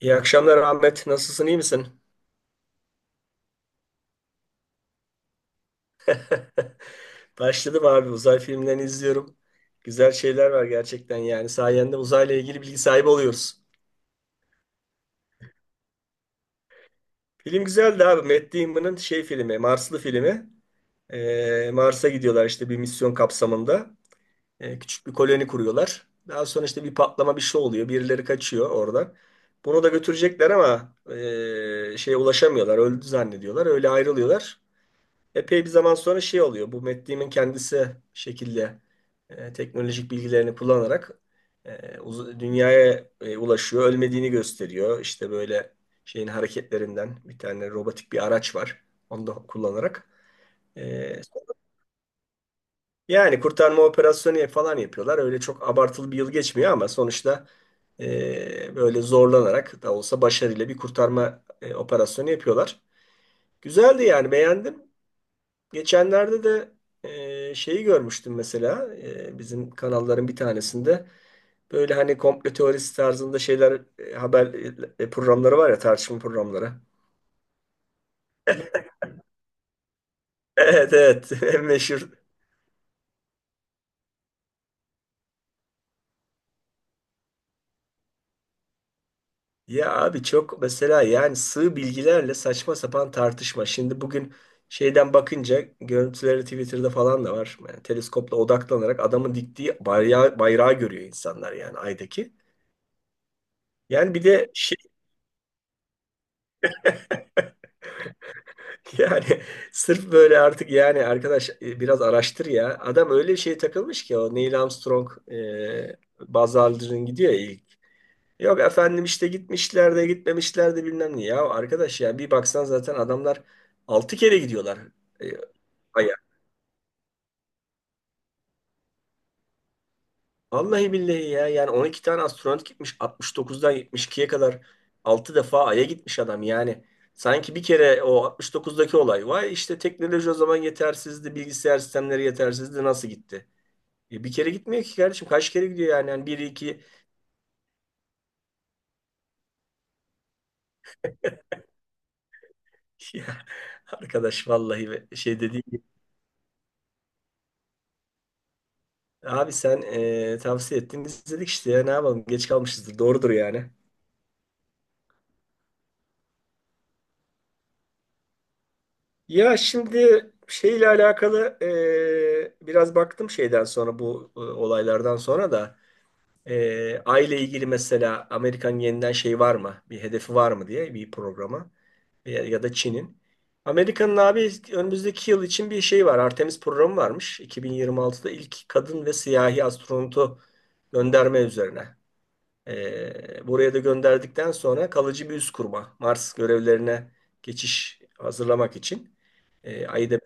İyi akşamlar Ahmet. Nasılsın, iyi misin? Başladım abi. Uzay filmlerini izliyorum. Güzel şeyler var gerçekten yani. Sayende uzayla ilgili bilgi sahibi oluyoruz. Film güzeldi abi. Matt Damon'ın şey filmi, Marslı filmi. Mars'a gidiyorlar işte bir misyon kapsamında. Küçük bir koloni kuruyorlar. Daha sonra işte bir patlama bir şey oluyor. Birileri kaçıyor oradan. Bunu da götürecekler ama şeye ulaşamıyorlar. Öldü zannediyorlar. Öyle ayrılıyorlar. Epey bir zaman sonra şey oluyor. Bu Matt Damon kendisi şekilde teknolojik bilgilerini kullanarak dünyaya ulaşıyor. Ölmediğini gösteriyor. İşte böyle şeyin hareketlerinden bir tane robotik bir araç var. Onu da kullanarak. E, Yani kurtarma operasyonu falan yapıyorlar. Öyle çok abartılı bir yıl geçmiyor ama sonuçta böyle zorlanarak da olsa başarıyla bir kurtarma operasyonu yapıyorlar. Güzeldi yani beğendim. Geçenlerde de şeyi görmüştüm mesela bizim kanalların bir tanesinde böyle hani komplo teorisi tarzında şeyler haber programları var ya tartışma programları. Evet, evet, en meşhur. Ya abi çok mesela yani sığ bilgilerle saçma sapan tartışma. Şimdi bugün şeyden bakınca görüntüleri Twitter'da falan da var. Yani teleskopla odaklanarak adamın diktiği bayrağı, bayrağı görüyor insanlar yani aydaki. Yani bir de şey. Yani sırf böyle artık yani arkadaş biraz araştır ya. Adam öyle bir şeye takılmış ki o Neil Armstrong, Buzz Aldrin gidiyor ya ilk. Yok efendim işte gitmişler de gitmemişler de bilmem ne. Ya arkadaş ya bir baksan zaten adamlar 6 kere gidiyorlar e, Ay'a. Vallahi billahi ya yani 12 tane astronot gitmiş 69'dan 72'ye kadar 6 defa Ay'a gitmiş adam yani. Sanki bir kere o 69'daki olay. Vay işte teknoloji o zaman yetersizdi, bilgisayar sistemleri yetersizdi nasıl gitti? Bir kere gitmiyor ki kardeşim. Kaç kere gidiyor yani? Yani bir iki. Ya, arkadaş vallahi şey dedi. Abi sen tavsiye ettin. Biz dedik işte ya ne yapalım? Geç kalmışızdır. Doğrudur yani. Ya şimdi şeyle alakalı biraz baktım şeyden sonra bu olaylardan sonra da aile ilgili mesela Amerikan yeniden şey var mı? Bir hedefi var mı diye bir programa. Ya ya da Çin'in. Amerika'nın abi önümüzdeki yıl için bir şey var. Artemis programı varmış. 2026'da ilk kadın ve siyahi astronotu gönderme üzerine. Buraya da gönderdikten sonra kalıcı bir üs kurma. Mars görevlerine geçiş hazırlamak için. Ayı da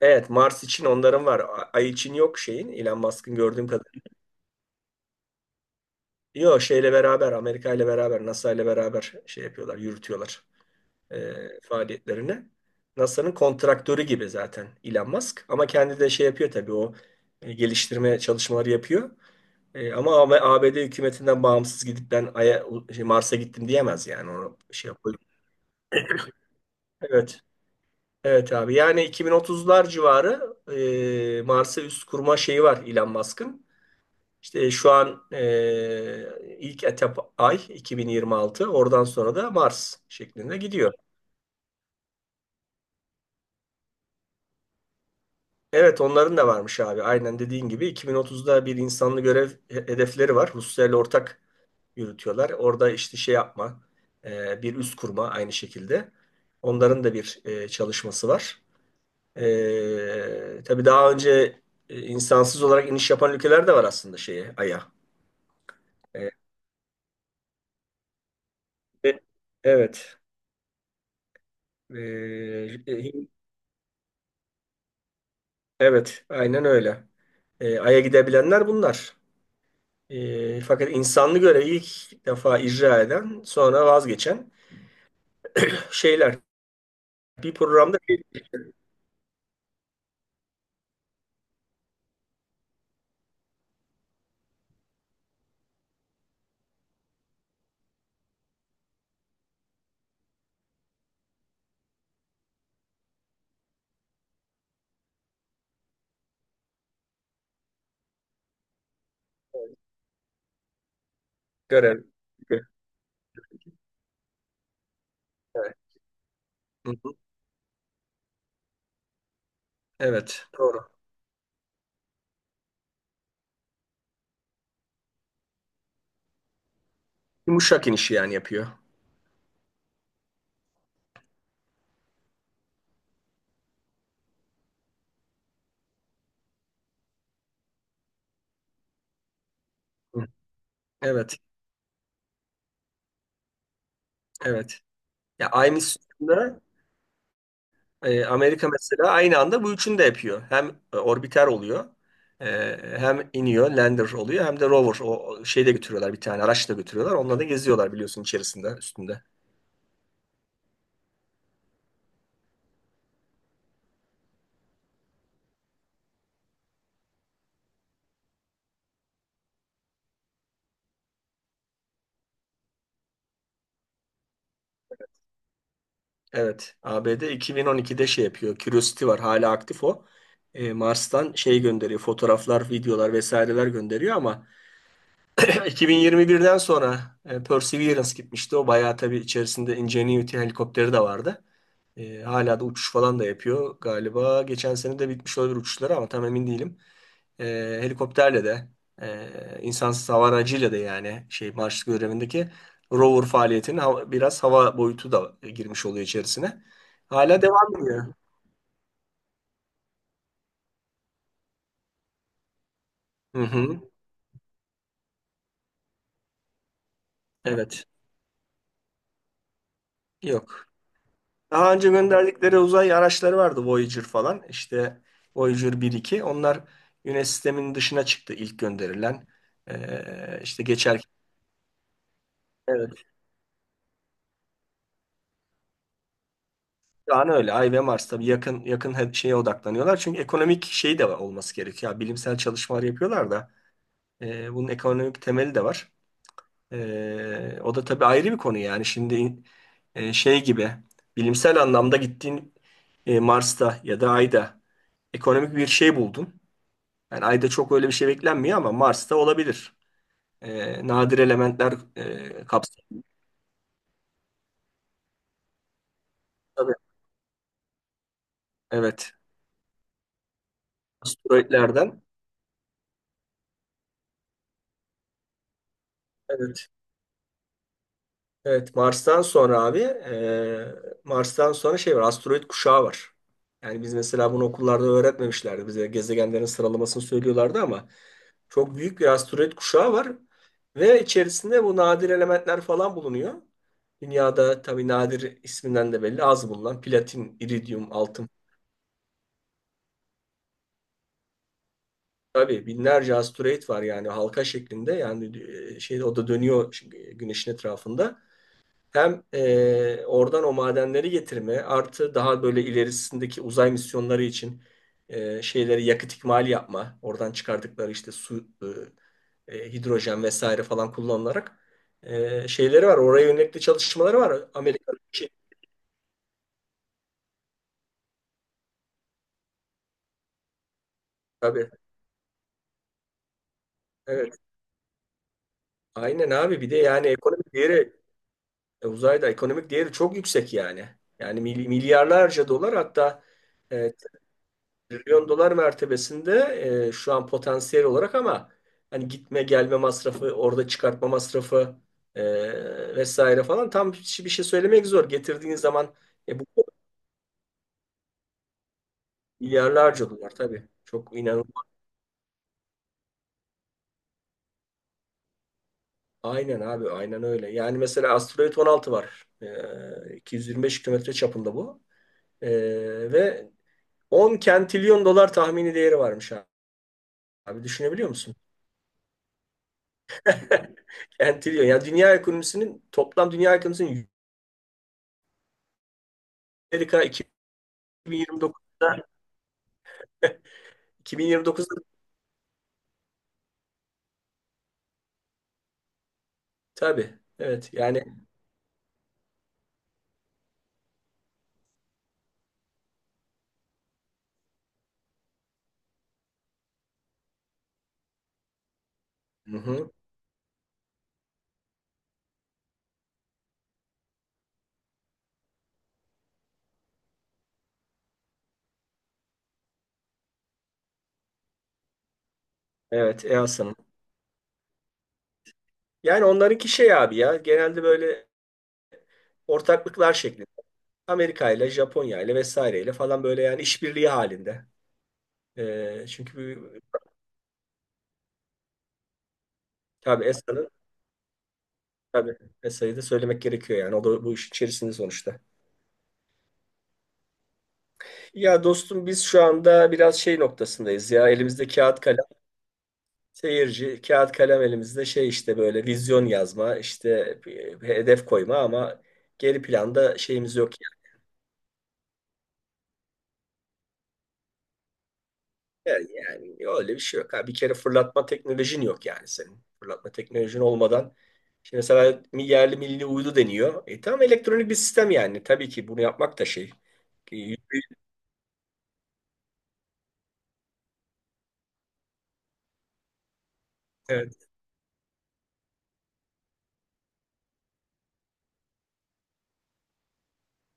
evet Mars için onların var. Ay için yok şeyin. Elon Musk'ın gördüğüm kadarıyla. Yok şeyle beraber Amerika ile beraber NASA ile beraber şey yapıyorlar, yürütüyorlar. Faaliyetlerine. NASA'nın kontraktörü gibi zaten Elon Musk. Ama kendi de şey yapıyor tabii o geliştirme çalışmaları yapıyor. Ama ABD hükümetinden bağımsız gidip ben Ay'a, şey, Mars'a gittim diyemez yani. Onu şey yapıyor. Evet. Evet abi. Yani 2030'lar civarı Mars'a üst kurma şeyi var Elon Musk'ın. İşte şu an ilk etap ay 2026. Oradan sonra da Mars şeklinde gidiyor. Evet onların da varmış abi. Aynen dediğin gibi 2030'da bir insanlı görev hedefleri var. Rusya ile ortak yürütüyorlar. Orada işte şey yapma, bir üs kurma aynı şekilde. Onların da bir çalışması var. Tabii daha önce insansız olarak iniş yapan ülkeler de var aslında şeye, Ay'a. E, e, evet. E, e, evet, aynen öyle. Ay'a gidebilenler bunlar. Fakat insanlı görevi ilk defa icra eden, sonra vazgeçen şeyler. Bir programda bir görev. Evet. Hı hı. Evet, doğru. Yumuşak iniş yani yapıyor. Hı. Evet, evet. Ya aynı sütunda Amerika mesela aynı anda bu üçünü de yapıyor. Hem orbiter oluyor, e, hem iniyor, lander oluyor, hem de rover. O o şeyi de götürüyorlar bir tane, araç da götürüyorlar. Onunla da geziyorlar biliyorsun içerisinde, üstünde. Evet, ABD 2012'de şey yapıyor. Curiosity var, hala aktif o. Mars'tan şey gönderiyor, fotoğraflar, videolar vesaireler gönderiyor ama 2021'den sonra Perseverance gitmişti. O bayağı tabii içerisinde Ingenuity helikopteri de vardı. Hala da uçuş falan da yapıyor. Galiba geçen sene de bitmiş olabilir uçuşları ama tam emin değilim e, helikopterle de insansız hava aracıyla da yani şey Marslık görevindeki rover faaliyetinin biraz hava boyutu da girmiş oluyor içerisine. Hala devam ediyor. Hı hı. Evet. Yok. Daha önce gönderdikleri uzay araçları vardı Voyager falan. İşte Voyager bir iki. Onlar Güneş sisteminin dışına çıktı ilk gönderilen. İşte geçerken. Evet. Şu an öyle. Ay ve Mars tabii yakın yakın şeye odaklanıyorlar. Çünkü ekonomik şey de olması gerekiyor. Ya, bilimsel çalışmalar yapıyorlar da. Bunun ekonomik temeli de var. O da tabii ayrı bir konu yani. Şimdi şey gibi bilimsel anlamda gittiğin Mars'ta ya da Ay'da ekonomik bir şey buldun. Yani Ay'da çok öyle bir şey beklenmiyor ama Mars'ta olabilir. Nadir elementler kapsamında. Tabii, evet. Asteroidlerden. Evet. Evet. Mars'tan sonra abi Mars'tan sonra şey var. Asteroid kuşağı var. Yani biz mesela bunu okullarda öğretmemişlerdi. Bize gezegenlerin sıralamasını söylüyorlardı ama çok büyük bir asteroid kuşağı var ve içerisinde bu nadir elementler falan bulunuyor. Dünyada tabii nadir isminden de belli az bulunan platin, iridyum, altın. Tabii binlerce asteroid var yani halka şeklinde yani şeyde o da dönüyor çünkü güneşin etrafında. Hem oradan o madenleri getirme artı daha böyle ilerisindeki uzay misyonları için şeyleri yakıt ikmali yapma. Oradan çıkardıkları işte su, hidrojen vesaire falan kullanılarak şeyleri var. Oraya yönelik çalışmaları var. Amerika'da şey, tabii. Evet. Aynen abi. Bir de yani ekonomik değeri uzayda ekonomik değeri çok yüksek yani. Yani milyarlarca dolar hatta e, milyon dolar mertebesinde şu an potansiyel olarak ama hani gitme gelme masrafı, orada çıkartma masrafı vesaire falan tam bir şey söylemek zor. Getirdiğiniz zaman bu milyarlarca dolar tabii. Çok inanılmaz. Aynen abi aynen öyle. Yani mesela asteroid 16 var. 225 kilometre çapında bu. E, Ve 10 kentilyon dolar tahmini değeri varmış abi. Abi düşünebiliyor musun? Kentilyon. Yani dünya ekonomisinin toplam dünya ekonomisinin Amerika 2029'da 2029'da tabii. Evet yani. Hı hı, evet EASA'nın. Yani onlarınki şey abi ya genelde böyle ortaklıklar şeklinde. Amerika ile Japonya ile vesaireyle falan böyle yani işbirliği halinde. Çünkü tabii ESA'nın tabii ESA'yı da söylemek gerekiyor yani o da bu iş içerisinde sonuçta. Ya dostum biz şu anda biraz şey noktasındayız ya elimizde kağıt kalem. Seyirci, kağıt kalem elimizde şey işte böyle vizyon yazma işte bir hedef koyma ama geri planda şeyimiz yok yani. Yani öyle bir şey yok. Ha, bir kere fırlatma teknolojin yok yani senin. Fırlatma teknolojin olmadan şimdi mesela yerli milli uydu deniyor. E tamam elektronik bir sistem yani. Tabii ki bunu yapmak da şey. E, Evet.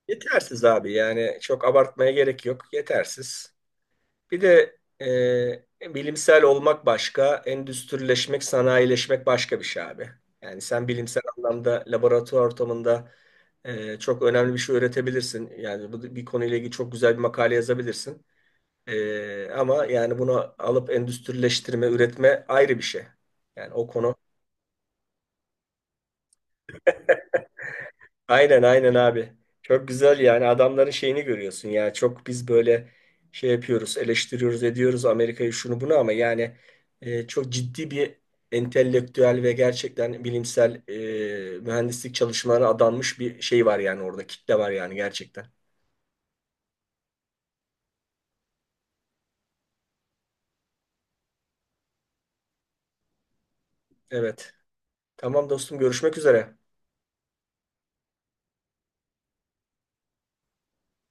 Yetersiz abi yani çok abartmaya gerek yok. Yetersiz. Bir de bilimsel olmak başka, endüstrileşmek, sanayileşmek başka bir şey abi. Yani sen bilimsel anlamda laboratuvar ortamında çok önemli bir şey üretebilirsin. Yani bu bir konuyla ilgili çok güzel bir makale yazabilirsin. Ama yani bunu alıp endüstrileştirme, üretme ayrı bir şey. Yani o konu. Aynen aynen abi. Çok güzel yani adamların şeyini görüyorsun ya. Çok biz böyle şey yapıyoruz, eleştiriyoruz, ediyoruz Amerika'yı şunu bunu ama yani çok ciddi bir entelektüel ve gerçekten bilimsel mühendislik çalışmalarına adanmış bir şey var yani orada kitle var yani gerçekten. Evet. Tamam dostum görüşmek üzere.